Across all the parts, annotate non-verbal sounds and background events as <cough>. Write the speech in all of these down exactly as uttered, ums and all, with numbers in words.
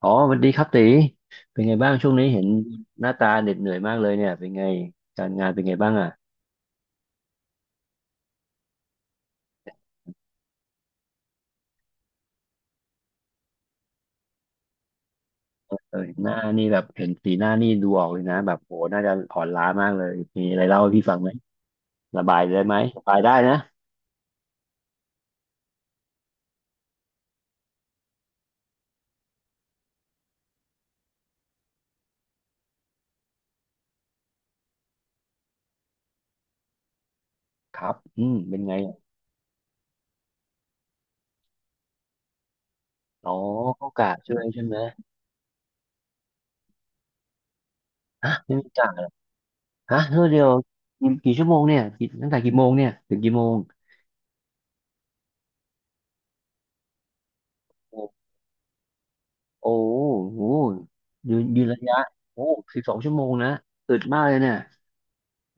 อ๋อสวัสดีครับตีเป็นไงบ้างช่วงนี้เห็นหน้าตาเหน็ดเหนื่อยมากเลยเนี่ยเป็นไงการงานเป็นไงบ้างอ่ะเออเห็นหน้านี่แบบเห็นสีหน้านี่ดูออกเลยนะแบบโหน่าจะอ่อนล้ามากเลยมีอะไรเล่าให้พี่ฟังไหมระบายได้ไหมระบายได้นะครับอืมเป็นไงอะอ๋อก็กะช่วยใช่ไหมฮะไม่มีกะฮะเท่าเดียวกี่กี่ชั่วโมงเนี่ยกี่ตั้งแต่กี่โมงเนี่ยถึงกี่โมงโอ้โอ้โหยืนยืนระยะโอ้สิบสองชั่วโมงนะอึดมากเลยเนี่ย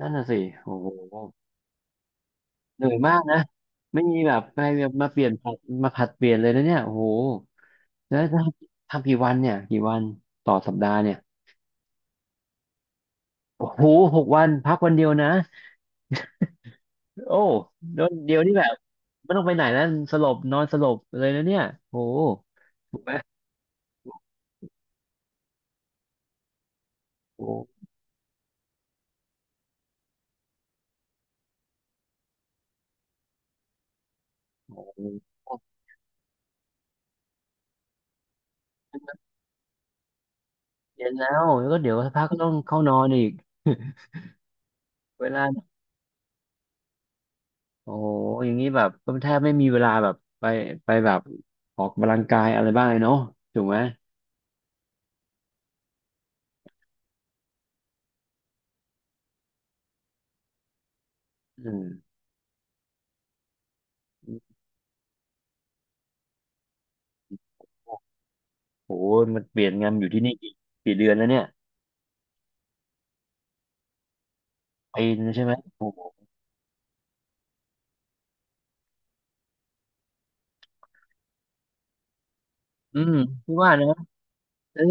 นั่นน่ะสิโอ้โห เหนื่อยมากนะไม่มีแบบไปแบบมาเปลี่ยนผัดมาผัดเปลี่ยนเลยนะเนี่ยโอ้โหแล้วถ้าทำกี่วันเนี่ยกี่วันต่อสัปดาห์เนี่ยโอ้โหหกวันพักวันเดียวนะโอ้โดนเดียวนี่แบบไม่ต้องไปไหนแล้วสลบนอนสลบเลยนะเนี่ยโอ้โหถูกไหมโอ้โหเย็นแล้วแล้วก็เดี๋ยวสักพักก็ต้องเข้านอนอีกเวลาโอ้โหอย่างนี้แบบก็แทบไม่มีเวลาแบบไปไปแบบออกกำลังกายอะไรบ้างเลยเนาะถูกไหมอืม โอ้ยมันเปลี่ยนงานอยู่ที่นี่กี่กี่เดือนแล้วเนี่ยปีนงใช่ไหมโอ้โหอืมพี่ว่านะเออ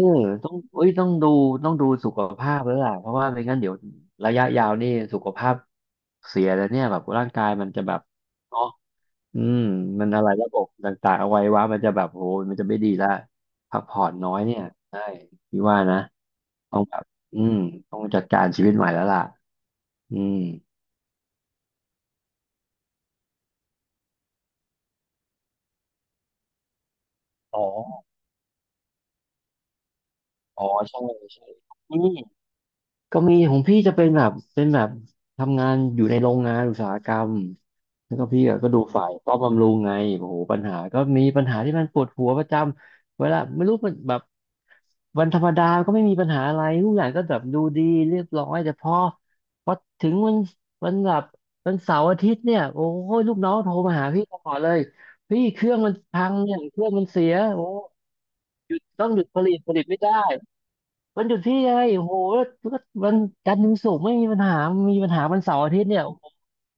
ต้องเอ้ยต้องดูต้องดูสุขภาพแล้วล่ะเพราะว่าไม่งั้นเดี๋ยวระยะยาวนี่สุขภาพเสียแล้วเนี่ยแบบร่างกายมันจะแบบเนาะอืมมันอะไรระบบต่างๆเอาไว้ว่ามันจะแบบโอ้ยมันจะไม่ดีละพักผ่อนน้อยเนี่ยใช่พี่ว่านะต้องแบบอืมต้องจัดการชีวิตใหม่แล้วล่ะอืมอ๋ออ๋อใช่ใช่อืม ก็มีของพี่จะเป็นแบบเป็นแบบทำงานอยู่ในโรงงานอุตสาหกรรมแล้วก็พี่อะก็ดูฝ่ายป้อมบำรุงไงโอ้โหปัญหาก็มีปัญหาที่มันปวดหัวประจำเวลาไม่รู้มันแบบวันธรรมดาก็ไม่มีปัญหาอะไรทุกอย่างก็แบบดูดีเรียบร้อยแต่พอพอถึงวันวันแบบวันเสาร์อาทิตย์เนี่ยโอ้ยลูกน้องโทรมาหาพี่ตลอดเลยพี่เครื่องมันพังเนี่ยเครื่องมันเสียโอ้หยุดต้องหยุดผลิตผลิตไม่ได้ วันหยุดพี่ไงโอ้โหแล้วก็วันจันทร์ถึงศุกร์ไม่มีปัญหามีปัญหาวันเสาร์อาทิตย์เนี่ยโอ้โห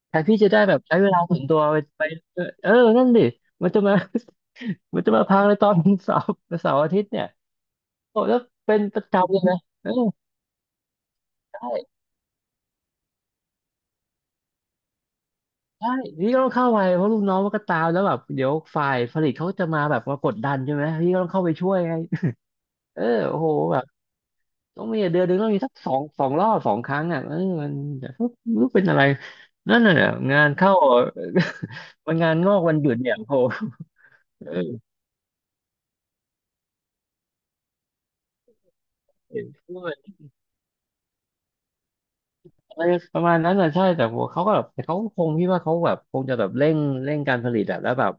แต่พี่จะได้แบบใช้เวลาส่วนตัวไปไปเออเออนั่นดิมันจะมา <laughs> มันจะมาพังในตอนเสาร์เสาร์อาทิตย์เนี่ยโอ้แล้วเป็นประจำเลยนะเออใช่ใช่พี่ก็ต้องเข้าไปเพราะลูกน้องมันก็ตามแล้วแบบเดี๋ยวฝ่ายผลิตเขาจะมาแบบมากดดันใช่ไหมพี่ก็ต้องเข้าไปช่วยไงเออโอ้โหแบบ ต้องมีเดือนหนึ่งต้องมีสักสองสองรอบสองครั้งอ่ะเออมันจะไม่รู้เป็นอะไรนั่นน่ะงานเข้า <laughs> มันงานงอกวันหยุดเนี่ยโหเออเห็นด้วยอะไรประมาณนั้นอ่ะใช่แต่ว่าเขาก็แบบแต่เขาคงพี่ว่าเขาแบบคงจะแบบเร่งเร่งการผลิตอะแล้วแบบ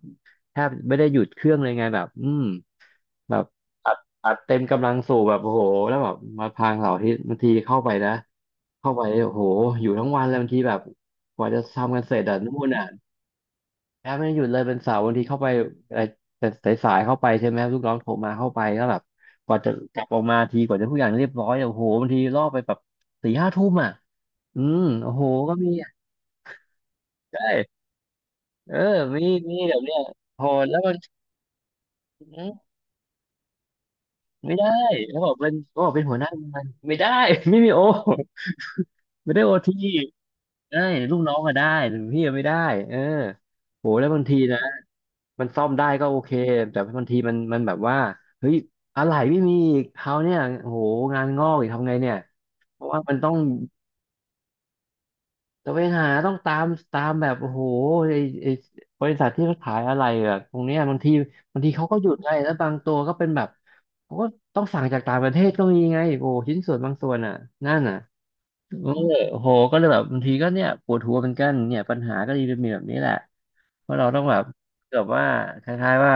แทบไม่ได้หยุดเครื่องเลยไงแบบอืมแบบอัดอัดเต็มกำลังสูบแบบโอ้โหแล้วแบบมาพางเสาร์อาทิตย์บางทีเข้าไปนะเข้าไปโอ้โหอยู่ทั้งวันเลยบางทีแบบกว่าจะทำกันเสร็จอะนู่นอ่ะ แอปไม่หยุดเลยเป็นเสาร์บางทีเข้าไปเอ่อสายสายๆเข้าไปใช่ไหมลูกน้องโทรมาเข้าไปก็แบบกว่าจะกลับออกมาทีกว่าจะทุกอย่างเรียบร้อยอะโอ้โหบางทีล่อไปแบบสี่ห้าทุ่มอ่ะอืมโอ้โหก็มีอะใช่เออมีมีแบบเนี้ยโหดแล้วมันอืมไม่ได้แล้วบอกเป็นก็บอกเป็นหัวหน้างานไม่ได้ <laughs> ไม่มีโอไม่ได้โอทีได้ลูกน้องก็ได้แต่พี่อะไม่ได้เออโหแล้วบางทีนะ มันซ่อมได้ก็โอเคแต่บางทีมันมันแบบว่าเฮ้ยอะไรไม่มีอีกเขาวเนี่ยโอ้โหงานงอกอีกทำไงเนี่ยเพราะว่ามันต้องตะเวนหาต้องตามตามแบบโอ้โหไอไอบริษัทที่เขาขายอะไรอะตรงเนี้ยบางทีบางทีเขาก็หยุดไงแล้วบางตัวก็เป็นแบบเขาก็ต้องสั่งจากต่างประเทศก็มีไงโอ้โหชิ้นส่วนบางส่วนอ่ะนั่นอ่ะเออโอ้โหก็เลยแบบบางทีก็เนี่ยปวดหัวเหมือนกันเนี่ยปัญหาก็เลยมีแบบนี้แหละ เพราะเราต้องแบบเกือบว่าคล้ายๆว่า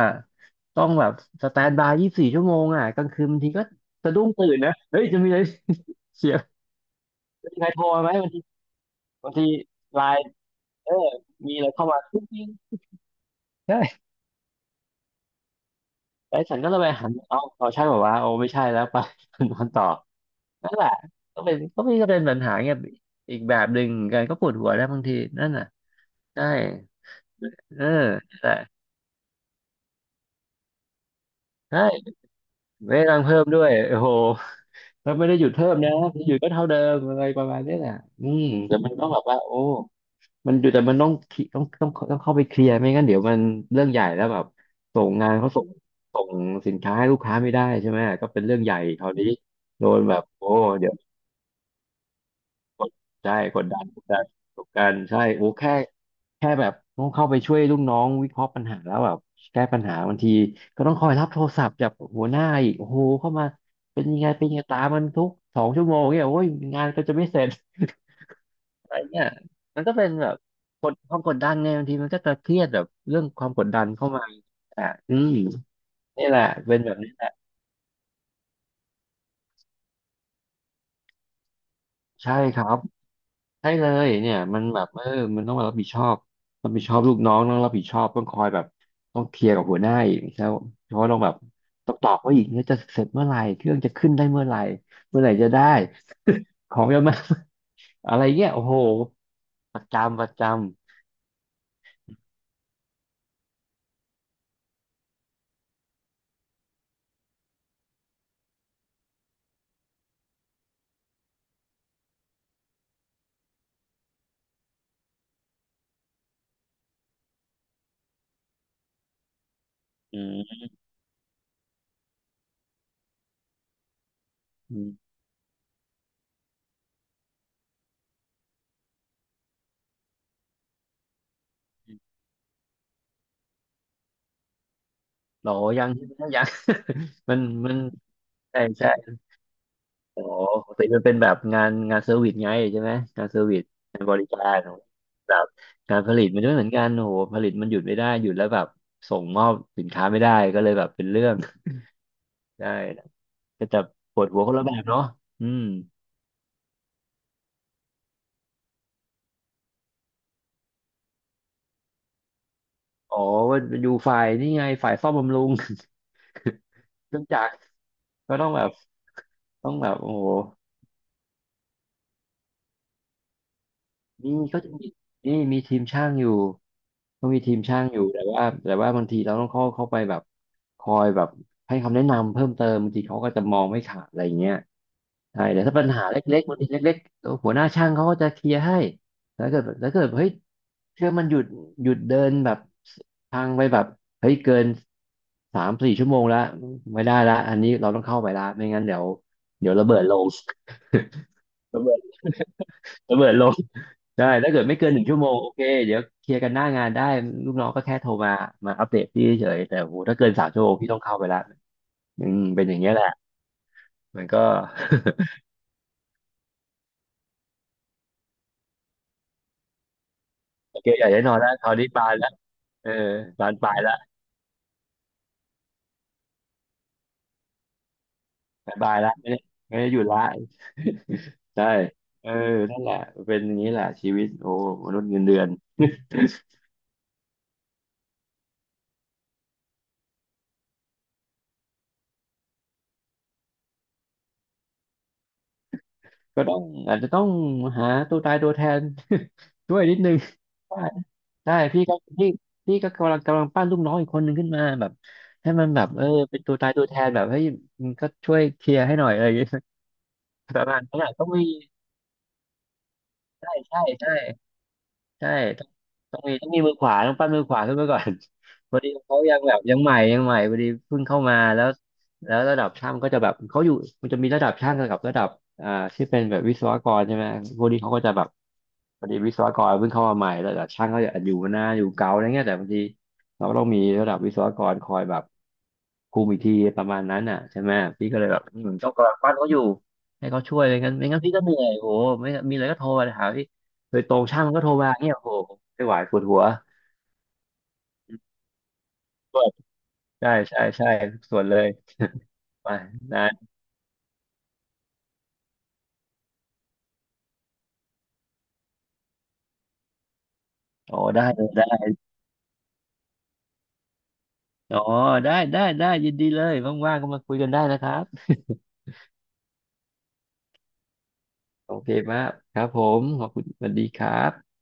ต้องแบบสแตนบายยี่สิบสี่ชั่วโมงอ่ะกลางคืนบางทีก็สะดุ้งตื่นนะเฮ้ยจะมีอะไรเสียงมีใครโทรมาไหมบางทีบางทีไลน์เออมีอะไรเข้ามาจริงๆใช่ไอ้ฉันก็เลยไปหันเอาเอาใช่บอกว่าวะโอ้ไม่ใช่แล้วไป <laughs> นอนต่อนั่นแหละก็เป็นก็มีก็เป็นปัญหาเงี้ยอีกแบบหนึ่งเหมือนกันก็ปวดหัวแล้วบางทีนั่นน่ะใช่เออแต่ใช่ไม่รังเพิ่มด้วยโอ้โห ก็ไม่ได้หยุดเพิ่มนะหยุดก็เท่าเดิมอะไรประมาณเนี้ยแหละอืมแต่มันต้องแบบว่าโอ้มันอยู่แต่มันต้องคิต้องต้องต้องเข้าไปเคลียร์ไม่งั้นเดี๋ยวมันเรื่องใหญ่แล้วแบบส่งงานเขาส่งส่งสินค้าให้ลูกค้าไม่ได้ใช่ไหมก็เป็นเรื่องใหญ่คราวนี้โดนแบบโอ้เดี๋ยว กดใช่กดดันกดดันกดดันใช่โอ้แค่แค่แบบต้องเข้าไปช่วยลูกน้องวิเคราะห์ปัญหาแล้วแบบแก้ปัญหาบางทีก็ต้องคอยรับโทรศัพท์จากหัวหน้าอีกโอ้โหเข้ามาเป็นยังไงเป็นยังไงตามมันทุกสองชั่วโมงเนี่ยโอ้ยงานก็จะไม่เสร็จ <laughs> อะไรเนี่ยมันก็เป็นแบบกดความกดดันไงบางทีมันก็จะเครียดแบบเรื่องความกดดันเข้ามาอ่ะอืมนี่แหละเป็นแบบนี้แหละใช่ครับ ใช่เลยเนี่ยมันแบบเออมันต้องมารับผิดชอบรับผิดชอบลูกน้องต้องรับผิดชอบต้องคอยแบบต้องเคลียร์กับหัวหน้าอีกแล้วเพราะว่าต้องแบบต้องตอบว่าอีกเนี่ยจะเสร็จเมื่อไหร่เครื่องจะขึ้นได้เมื่อไหร่เมื่อไหร่จะได้ <laughs> ของจะมา <laughs> อะไรเงี้ยโอ้โหประจำประจำอืมอืมหรอยัง <laughs> ใช่ไหมยัง <laughs> มันมันใช่ใช่ อ๋อปกติมันเป็นแบบงานงานเซอร์วิสไงใช่ไหมงานเซอร์วิสงานบริการขงแบบการผลิตมันไม่เหมือนกันโอ้โหผลิตมันหยุดไม่ได้หยุดแล้วแบบส่งมอบสินค้าไม่ได้ก็เลยแบบเป็นเรื่อง <laughs> ได้ก็จะปวดหัวคนละแบบเนาะอืมอ๋อว่าอยู่ฝ่ายนี่ไงฝ่ายซ่อมบำรุง <laughs> เครื่องจักรก็ต้องแบบต้องแบบโอ้โห มีก็จะมีนี่มีทีมช่างอยู่ก็มีทีมช่างอยู่แต่ว่าแต่ว่าบางทีเราต้องเข้าเข้าไปแบบคอยแบบให้คำแนะนำเพิ่มเติมบางทีเขาก็จะมองไม่ขาดอะไรอย่างเงี้ยใช่แต่ถ้าปัญหาเล็กๆบางทีเล็กๆตัวหัวหน้าช่างเขาก็จะเคลียร์ให้แล้วเกิดแล้วเกิดเฮ้ยเครื่องมันหยุดหยุดเดินแบบทางไปแบบเฮ้ยเกินสามสี่ชั่วโมงแล้วไม่ได้ละอันนี้เราต้องเข้าไปละไม่งั้นเดี๋ยวเดี๋ยวระเบิดลง ระเบิด <laughs> ระเบิดลงได้ถ้าเกิดไม่เกินหนึ่งชั่วโมงโอเคเดี๋ยวเคลียร์กันหน้างานได้ลูกน้องก็แค่โทรมามาอัปเดตพี่เฉยแต่โหถ้าเกินสามชั่วโมงพี่ต้องเข้าไปละอืมเป็นอย่างเงี้ยแหละมันก็ <laughs> โอเคใหญ่ได้นอนแล้วคราวนี้บานแล้วเออบานปลายละบานปลายละไม่ได้ไม่ได้หยุดละใช่เออนั่นแหละเป็นอย่างนี้แหละชีวิตโอ้มนุษย์เงินเดือนก็ต้องอาจจะต้องหาตัวตายตัวแทน <laughs> ช่วยนิดนึง ใช่พี่ก็พี่พี่ก็กำลังกำลังปั้นลูกน้องอีกคนหนึ่งขึ้นมาแบบให้มันแบบเออเป็นตัวตายตัวแทนแบบเฮ้ยมึงก็ช่วยเคลียร์ให้หน่อยอะไรอย่างเงี้ยประมาณนั้นแหละต้องมีใช่ใช่ใช่ใช่ต้องต้องมีต้องมีมือขวาต้องปั้นมือขวาขึ้นมาก่อน <laughs> พอดีเขายังแบบยังใหม่ยังใหม่พอดีเพิ่งเข้ามาแล้วแล้วระดับช่างก็จะแบบเขาอยู่มันจะมีระดับช่างกับระดับอ่าที่เป็นแบบวิศวกรใช่ไหมพวกนี้เขาก็จะแบบ พอดีวิศวกรเพิ่งเข้ามาใหม่แต่ช่างก็จะอยู่หน้าอยู่เก่าอะไรเงี้ยแต่บางทีเราก็ต้องมีระดับวิศวกรคอยแบบคุมอีกทีประมาณนั้นอ่ะใช่ไหมพี่ก็เลยแบบอืมต้องกำลังปั้นเขาอยู่ให้เขาช่วยอะไรเงี้ยไม่งั้นพี่ก็เหนื่อยโอ้โหไม่งั้นมีอะไรก็โทรมาหาพี่โดยตรงช่างมันก็โทรมาเงี้ยโอ้โหไม่ไหวปวดหัวใช่ใช่ใช่ทุกส่วนเลยไปนะอ๋อได้เลยได้อ๋อได้ได้ได้ยินดีเลยว่างๆก็มาคุยกันได้นะครับโอเคมากครับผมขอบคุณสวัสดีครับ